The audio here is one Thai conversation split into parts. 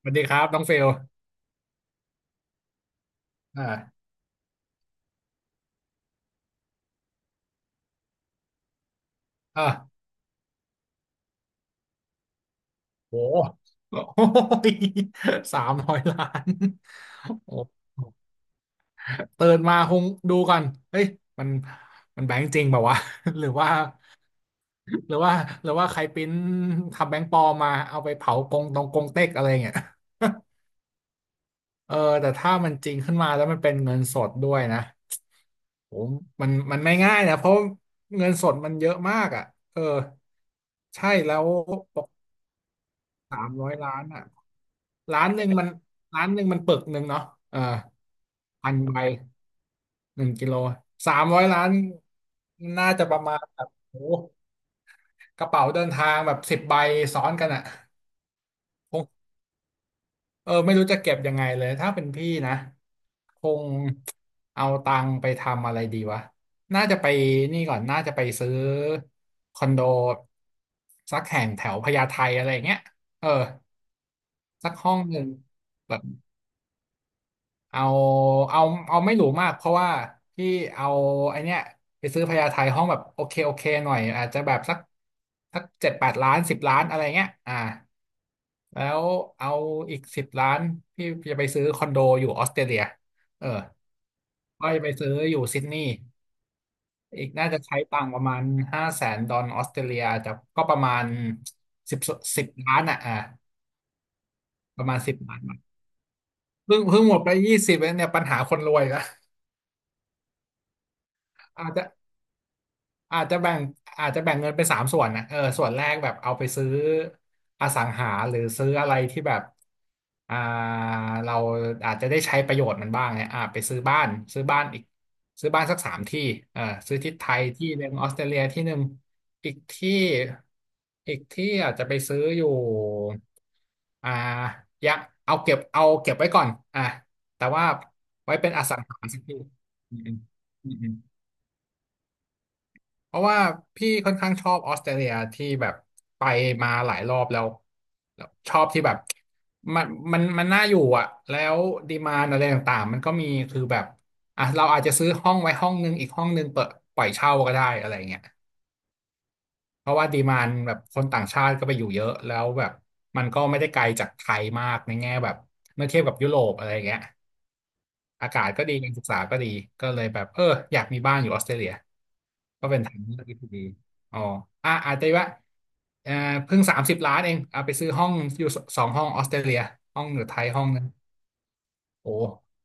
สวัสดีครับน้องเฟลอ่าอ่าโหโอ้ยสามร้อยล้านโอ้เติดนมาคงดูก่อนเฮ้ยมัน มันแบงค์จริงเปล่าวะ หรือว่าหรือว่าหรือว่าใครปริ้นทำแบงค์ปลอมมาเอาไปเผากงตรงกงเต็กอะไรเงี้ย เออแต่ถ้ามันจริงขึ้นมาแล้วมันเป็นเงินสดด้วยนะผมมันไม่ง่ายนะ เพราะเงินสดมันเยอะมากอ่ะเออใช่แล้วปกสามร้อยล้านอ่ะ ร้านหนึ่งมันร้านหนึ่งมันปึกหนึ่งเนาะเออพันใบหนึ่งกิโลสามร้อยล้านน่าจะประมาณแบบโอ้โหกระเป๋าเดินทางแบบ10 ใบซ้อนกันอะคงเออไม่รู้จะเก็บยังไงเลย ถ้าเป็นพี่นะคงเอาตังค์ไปทำอะไรดีวะน่าจะไปนี่ก่อนน่าจะไปซื้อคอนโดสักแห่งแถวพญาไทอะไรอย่างเงี้ยเออสักห้องหนึ่ง เอาเอาเอาไม่หรูมากเพราะว่าพี่เอาไอเนี้ยไปซื้อพญาไทห้องแบบโอเคโอเคหน่อยอาจจะแบบสักเจ็ดแปดล้านสิบล้านอะไรเงี้ยอ่าแล้วเอาอีกสิบล้านพี่จะไปซื้อคอนโดอยู่ออสเตรเลียเออก็จะไปซื้ออยู่ซิดนีย์อีกน่าจะใช้ตังค์ประมาณ500,000ดอลออสเตรเลียอาจจะก็ประมาณสิบสิบล้านอ่ะอ่าประมาณ10 ล้านบาทเพิ่งหมดไปยี่สิบเนี่ยปัญหาคนรวยละอาจจะ อาจจะแบ่งอาจจะแบ่งเงินเป็นสามส่วนนะเออส่วนแรกแบบเอาไปซื้ออสังหาหรือซื้ออะไรที่แบบอ่าเราอาจจะได้ใช้ประโยชน์มันบ้างเนี่ยอ่าไปซื้อบ้านอีกซื้อบ้านสักสามที่เออซื้อที่ไทยที่หนึ่งออสเตรเลียที่หนึ่งอีกที่อาจจะไปซื้ออยู่อ่าอยังเอาเก็บไว้ก่อนอ่ะแต่ว่าไว้เป็นอสังหาสักทีอืมอืม เพราะว่าพี่ค่อนข้างชอบออสเตรเลียที่แบบไปมาหลายรอบแล้วแล้วชอบที่แบบมันมันน่าอยู่อ่ะแล้วดีมานอะไรต่างๆมันก็มีคือแบบอ่ะเราอาจจะซื้อห้องไว้ห้องนึงอีกห้องนึงเปิดปล่อยเช่าก็ได้อะไรเงี้ยเพราะว่าดีมานแบบคนต่างชาติก็ไปอยู่เยอะแล้วแบบมันก็ไม่ได้ไกลจากไทยมากในแง่แบบเมื่อเทียบกับยุโรปอะไรเงี้ยอากาศก็ดีการศึกษาก็ดีก็เลยแบบเอออยากมีบ้านอยู่ออสเตรเลีย ก็เป็นทางเลือกที่ดีอ๋ออ่ะอาจจะว่าเอ่อเพิ่งสามสิบล้านเองเอาไปซื้อห้องอยู่สองห้องออสเตรเลียห้องอยู่ไทยห้องนึงโอ้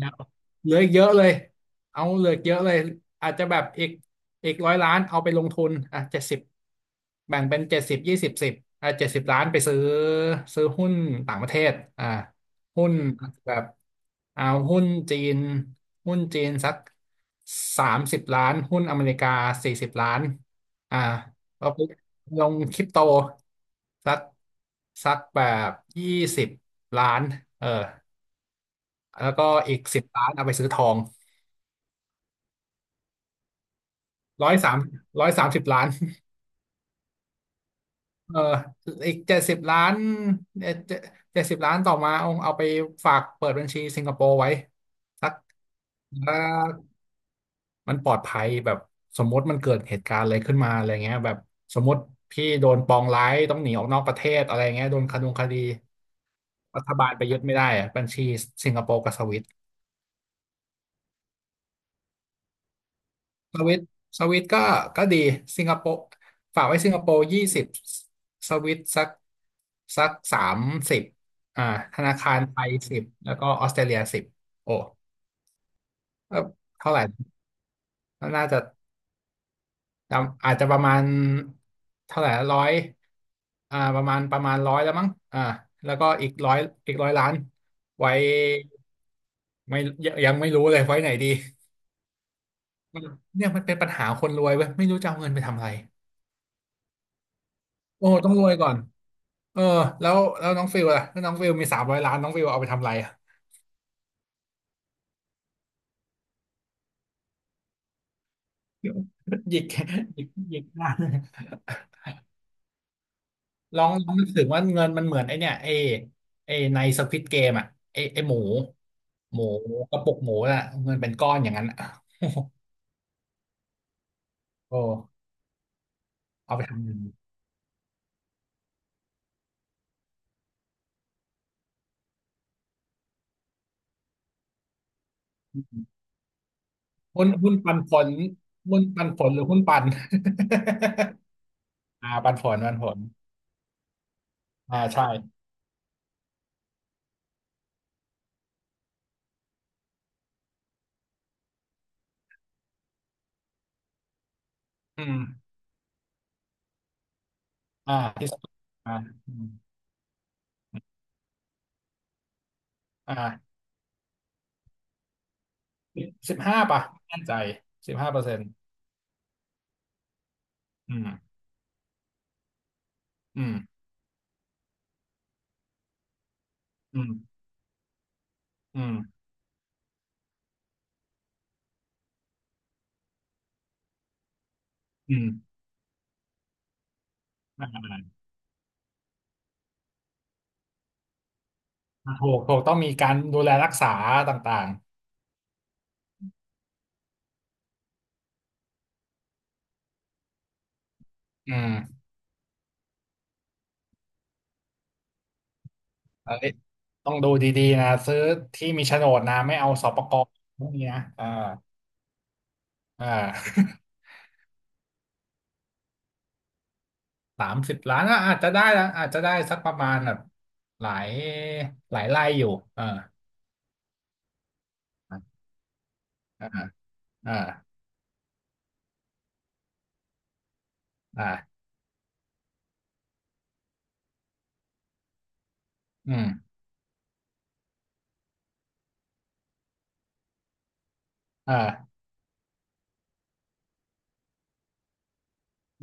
ยาวเหลืออีกเยอะเลยเอาเหลืออีกเยอะเลย อาจจะแบบอีกอีก100 ล้านเอาไปลงทุนอ่ะเจ็ดสิบแบ่งเป็นเจ็ดสิบยี่สิบสิบอ่ะเจ็ดสิบล้านไปซื้อซื้อหุ้นต่างประเทศอ่าหุ้นแบบเอาหุ้นจีนหุ้นจีนสักสามสิบล้านหุ้นอเมริกา40 ล้านอ่าแล้วก็ลงคริปโตสักสักแบบ20 ล้านเออ แล้วก็อีก10 ล้านเอาไปซื้อทองร้อยสาม130 ล้านเอออีกเจ็ดสิบล้านเอ่อเจ็ดสิบล้านต่อมาเอาไปฝากเปิดบัญชีสิงคโปร์ไว้สักถ้ามันปลอดภัยแบบสมมติมันเกิดเหตุการณ์อะไรขึ้นมาอะไรเงี้ยแบบสมมติพี่โดนปองร้ายต้องหนีออกนอกประเทศอะไรเงี้ยโดนคดงคดีรัฐบาลไปยึดไม่ได้อะบัญชีสิงคโปร์กับสวิต สวิตสวิตก็ดีสิงคโปร์ฝากไว้สิงคโปร์ยี่สิบสวิตสักสักสามสิบอ่าธนาคารไทยสิบแล้วก็ออสเตรเลียสิบโอ้เออเท่าไหร่น่าจะจำอาจจะประมาณเท่าไหร่ร้อยอ่าประมาณประมาณร้อยแล้วมั้งอ่าแล้วก็อีกร้อยอีกร้อยล้านไว้ไม่ยังยังไม่รู้เลยไว้ไหนดีเนี่ยมันเป็นปัญหาคนรวยเว้ยไม่รู้จะเอาเงินไปทำอะไรโอ้ต้องรวยก่อน เออแล้วน้องฟิลล่ะถ้าน้องฟิลมีสามร้อยล้านน้องฟิลเอาไปทำอะไรอะ หยิกหยิกหยิกล้านลองนึกถึงว่าเงินมันเหมือนไอเนี่ยไอในสควิดเกมอ่ะไอหมูกระปุกหมูน่ะเงินเป็นก้อนอย่างนั้นอะ โอ้เอาไปทำเงินหุ้นปันผลหุ้นปันผลหรือหุ้นปัน อ่าปันผลอ่าใช่อืมอ่าที่สอ่าอืมอ่า สิบห้าป่ะไม่แน่ใจ15%อืมอืมอืมอืมอืมไม่เป็นไรถูกต้องมีการดูแลรักษาต่างๆอืมเอันนี้ยต้องดูดีๆนะซื้อที่มีโฉนดนะไม่เอาสปกพวกนี้นะเอ่าอ่า 30 ล้านก็อาจจะได้ละอาจจะได้สักประมาณแบบหลายหลายไร่อยู่เอออ่าอ่าอ่าอืมอ่า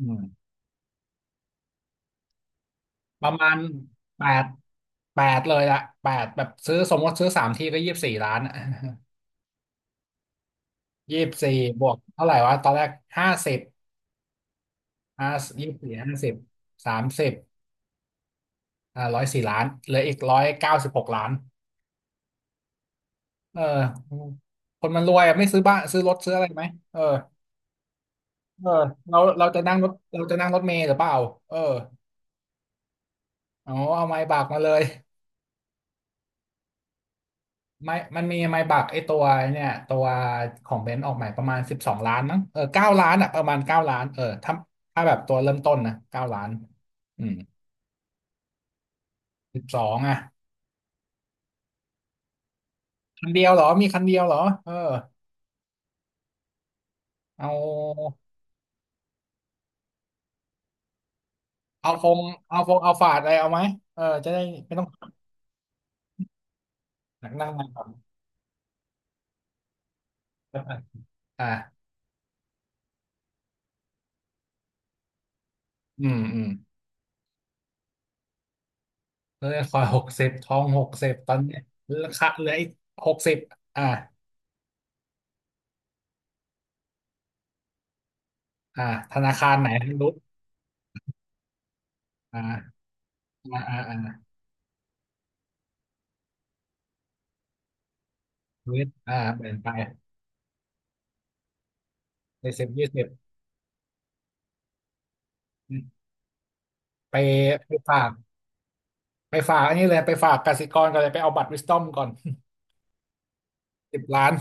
อืม ประมาณแปดแปดเลยอะแปดแบบซื้อสมมติซื้อสามทีก็24 ล้านอะ 24บวกเท่าไหร่วะตอนแรกห้าสิบห้ายี่สิบสี่ห้าสิบสามสิบอ่า104 ล้านเหลืออีก196 ล้านเออคนมันรวยอะไม่ซื้อบ้านซื้อรถซื้ออะไรไหมเออเออเราจะนั่งรถเมล์หรือเปล่าเออเอาไม้บากมาเลย ไม่มันมีไมบักไอตัวเนี่ยตัวของเบนซ์ออกใหม่ประมาณ12 ล้านมั้งเออเก้าล้านอ่ะประมาณเก้าล้านเออถ้าแบบตัวเริ่มต้นนะเก้าล้านอืมสิบสองอ่ะคันเดียวเหรอมีคันเดียวเหรอเออเอาเอาฟงเอาฝาดอะไรเอาไหมเออจะได้ไม่ต้องหนักนั่งนานก่อนอ่าอืมอืมเออคอยหกสิบทองหกสิบตอนเนี้ยราคาเหลืออีกหกสิบอ่าอ่าธนาคารไหนรู้อ่ะอ่าอ่าอ่ารู้อ่าเปลี่ยนไป ใน1020ไปไปฝากไปฝากอันนี้เลยไปฝากกสิกรก่อนเลยไปเอาบัตรวิสตอมก่อน 10 ล้าน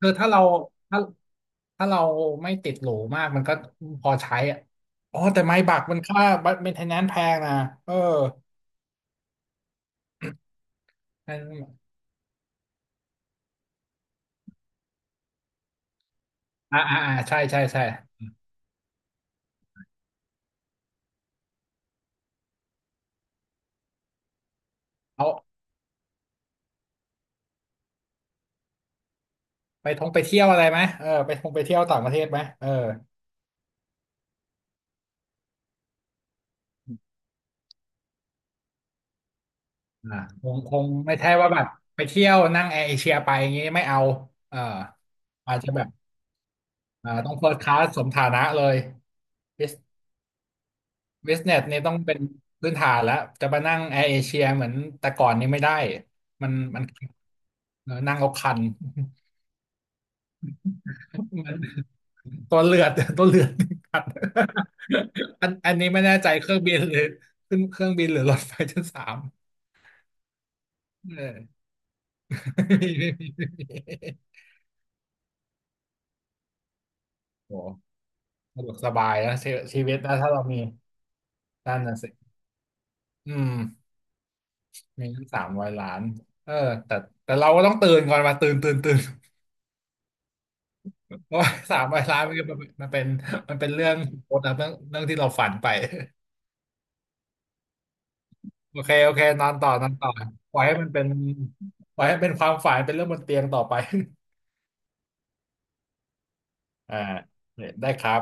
คือถ้าถ้าเราไม่ติดหรูมากมันก็พอใช้อ่ะอ๋อแต่ไม้บักมันค่าบัตรเมนเทนแนนซ์แพงนะเอออ่าอ่าอ่าใช่ใช่ใช่เอาไปท่องไปเที่ยวอะไรไหมเออไปท่องไปเที่ยวต่างประเทศไหมเอออ่าคงไม่ใช่ว่าแบบไปเที่ยวนั่งแอร์เอเชียไปอย่างงี้ไม่เอาเอออาจจะแบบอ่าต้องเฟิร์สคลาสสมฐานะเลย บิสบิสเนสนี่ต้องเป็นพื้นฐานแล้วจะมานั่งแอร์เอเชียเหมือนแต่ก่อนนี่ไม่ได้มันเออนั่งเอาคัน มันตัวเลือดตัวเลือดคัน อันนี้ไม่แน่ใจเครื่องบินหรือขึ้นเครื่องบินหรือรถไฟชั้นสามเออ ไม่มีไม่มีไม่มีโอ้สะดวกสบายนะชีวิตนะถ้าเรามีนั่นน่ะสิอืมมีทั้งสามร้อยล้านเออแต่แต่เราก็ต้องตื่นก่อนมาตื่นตื่นตื่น เพราะว่า 300 ล้านมันก็ม็นมันเป็นมันเป็นเรื่องโคตรนะเรื่องที่เราฝันไปโอเคโอเคนอนต่อนอนต่อปล่อยให้มันเป็นปล่อยให้เป็นความฝันเป็นเรื่องบนเตียงต่อไป อ่าได้ครับ